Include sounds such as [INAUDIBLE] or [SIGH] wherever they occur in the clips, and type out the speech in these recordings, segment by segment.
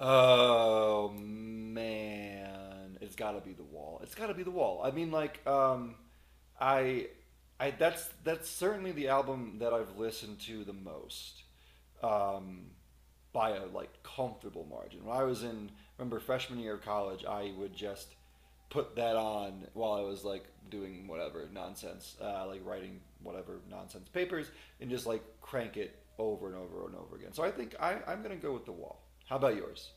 Oh man, it's got to be the wall. It's got to be the wall. I mean, like, I, I that's certainly the album that I've listened to the most, um, by a like comfortable margin. When I was in, remember freshman year of college, I would just put that on while I was like doing whatever nonsense, like writing whatever nonsense papers, and just like crank it over and over and over again. So I think I'm gonna go with the wall. How about yours?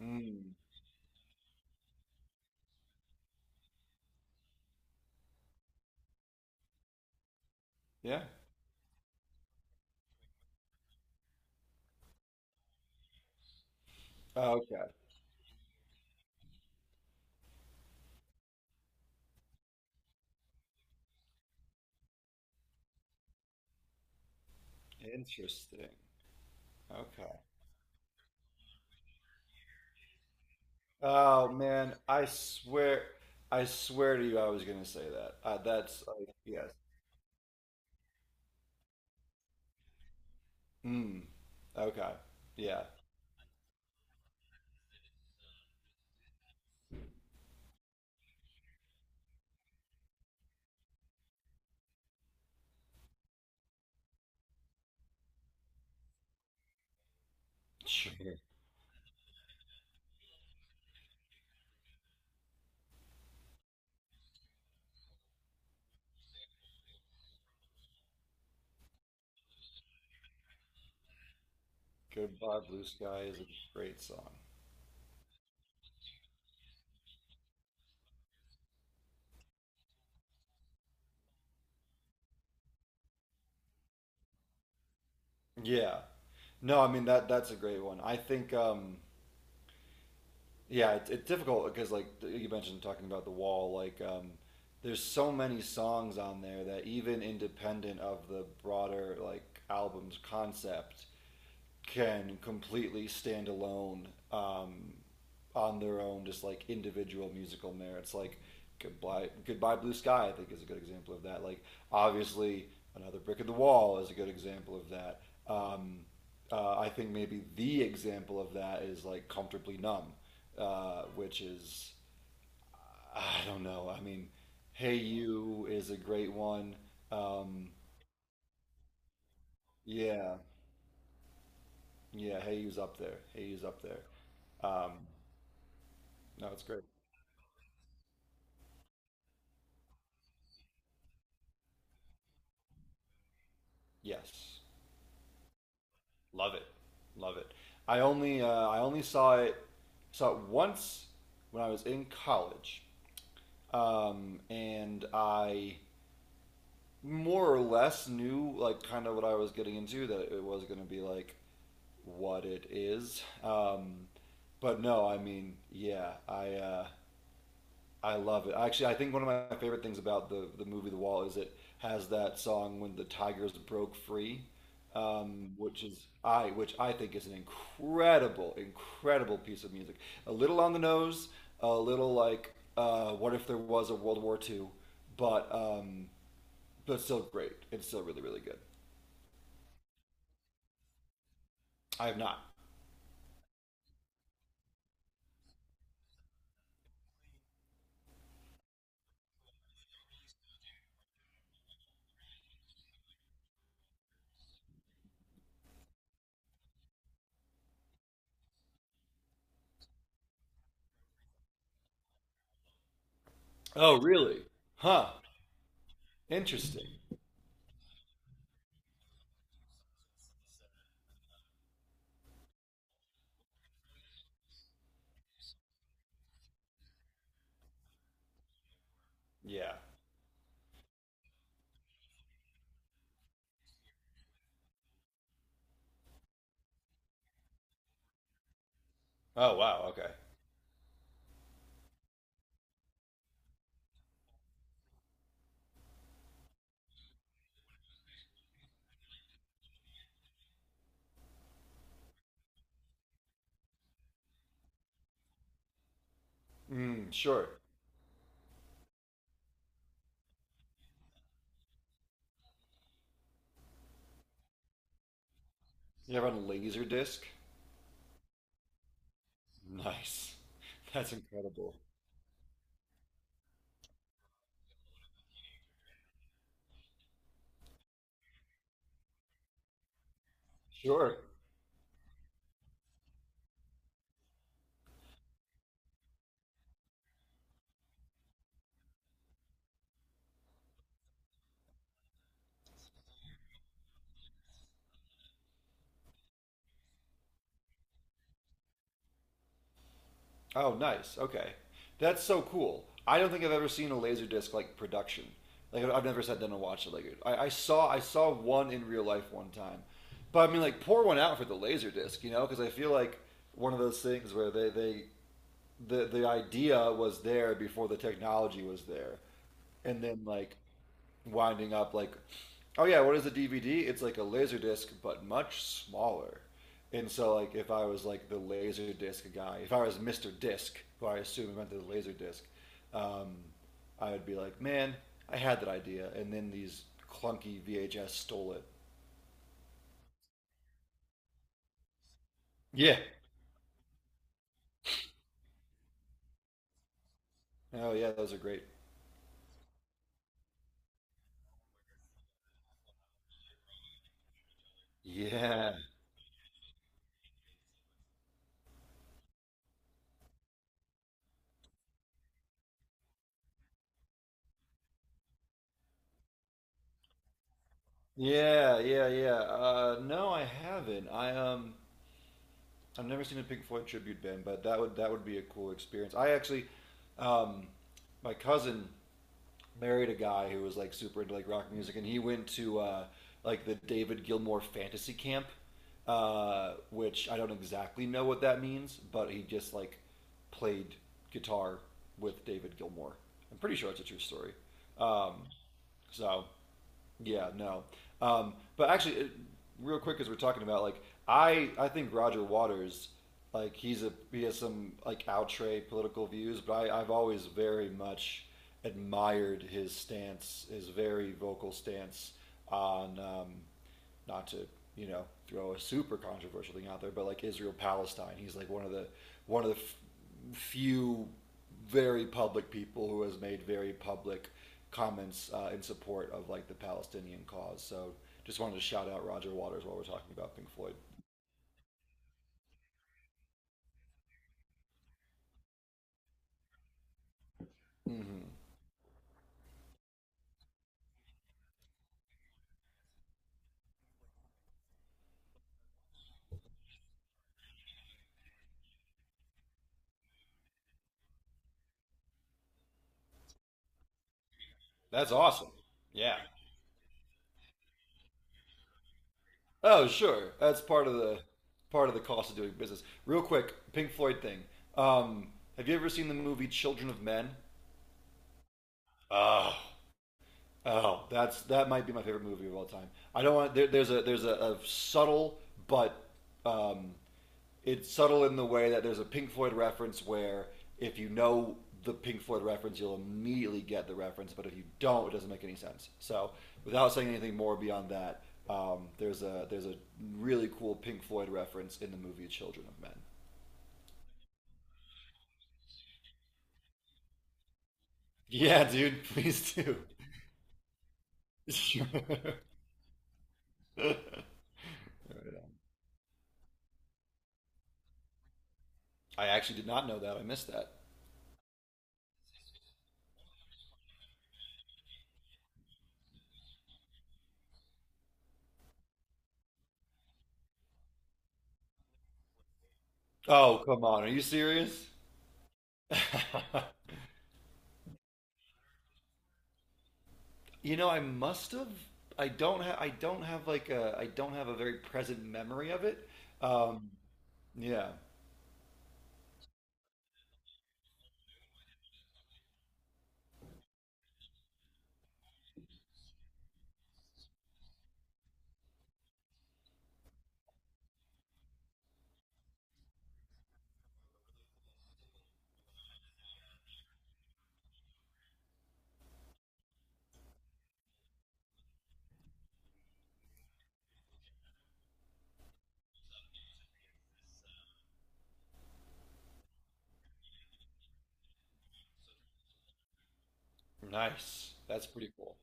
Mm, yeah. Okay. Interesting. Okay. Oh man, I swear to you, I was gonna say that. That's like yes. Mm, okay. Yeah. Sure. Goodbye, Blue Sky is a great song. Yeah. No, I mean that's a great one. I think yeah, it's difficult because like you mentioned talking about The Wall, like there's so many songs on there that, even independent of the broader like album's concept, can completely stand alone on their own, just like individual musical merits. Like goodbye Blue Sky, I think is a good example of that. Like obviously, another brick in the wall is a good example of that. Um, I think maybe the example of that is like comfortably numb, which is I don't know. I mean, Hey You is a great one. Um, yeah, yeah. Hey You's up there. Hey You's up there. Um, no, it's great. Yes, love it, love it. I only saw it once when I was in college, and I more or less knew like kind of what I was getting into, that it was going to be like what it is. But no, I mean, yeah, I love it. Actually, I think one of my favorite things about the movie The Wall is it has that song when the tigers broke free, which I think is an incredible, incredible piece of music. A little on the nose, a little like what if there was a World War II, but um, but still great. It's still really really good. I have not. Oh really? Huh. Interesting. Yeah. Oh wow. Okay. Mm, sure. You ever on a laser disc? Nice. That's incredible. Sure. Oh, nice. Okay. That's so cool. I don't think I've ever seen a laser disc like production. Like I've never sat down and watched it. Like I saw one in real life one time, but I mean like pour one out for the laser disc, you know? Because I feel like one of those things where they the idea was there before the technology was there, and then like winding up like, oh yeah, what is a DVD? It's like a laser disc, but much smaller. And so like if I was like the laser disc guy, if I was Mister Disc, who I assume invented the laser disc, um, I would be like, man, I had that idea, and then these clunky VHS stole it. Yeah. Oh yeah, those are great. Yeah. Yeah, yeah, yeah. No, I haven't. I've never seen a Pink Floyd tribute band, but that would be a cool experience. I actually, um, my cousin married a guy who was like super into like rock music, and he went to like the David Gilmour Fantasy Camp, which I don't exactly know what that means, but he just like played guitar with David Gilmour. I'm pretty sure it's a true story. Um, so yeah, no. Um, but actually, it, real quick, as we're talking about, like I think Roger Waters, like he has some like outre political views, but I've always very much admired his stance, his very vocal stance on not to you know throw a super controversial thing out there, but like Israel Palestine, he's like one of the few very public people who has made very public comments in support of like the Palestinian cause. So just wanted to shout out Roger Waters while we're talking about Pink Floyd. Hmm. That's awesome. Yeah. Oh sure, that's part of the cost of doing business. Real quick, Pink Floyd thing. Um, have you ever seen the movie Children of Men? Oh, Oh, that's that might be my favorite movie of all time. I don't want a subtle but um, it's subtle in the way that there's a Pink Floyd reference where if you know the Pink Floyd reference, you'll immediately get the reference, but if you don't, it doesn't make any sense. So without saying anything more beyond that, there's a really cool Pink Floyd reference in the movie Children of Men. Yeah, dude, please do. [LAUGHS] I actually did not know that. I missed that. Oh, come on. Are you serious? [LAUGHS] You know, I must have. I don't have like a. I don't have a very present memory of it. Um, yeah, nice. That's pretty cool.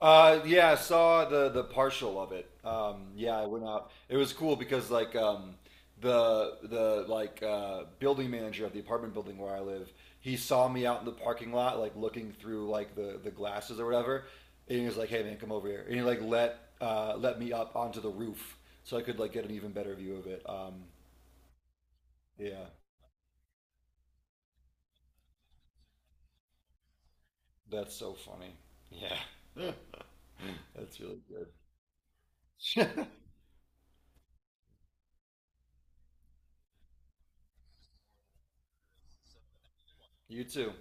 Yeah, I saw the partial of it. Yeah, I went out. It was cool because like the like building manager of the apartment building where I live, he saw me out in the parking lot, like looking through like the glasses or whatever, and he was like, "Hey man, come over here," and he like let me up onto the roof so I could like get an even better view of it. Yeah, that's so funny. Yeah, [LAUGHS] that's really good. You too.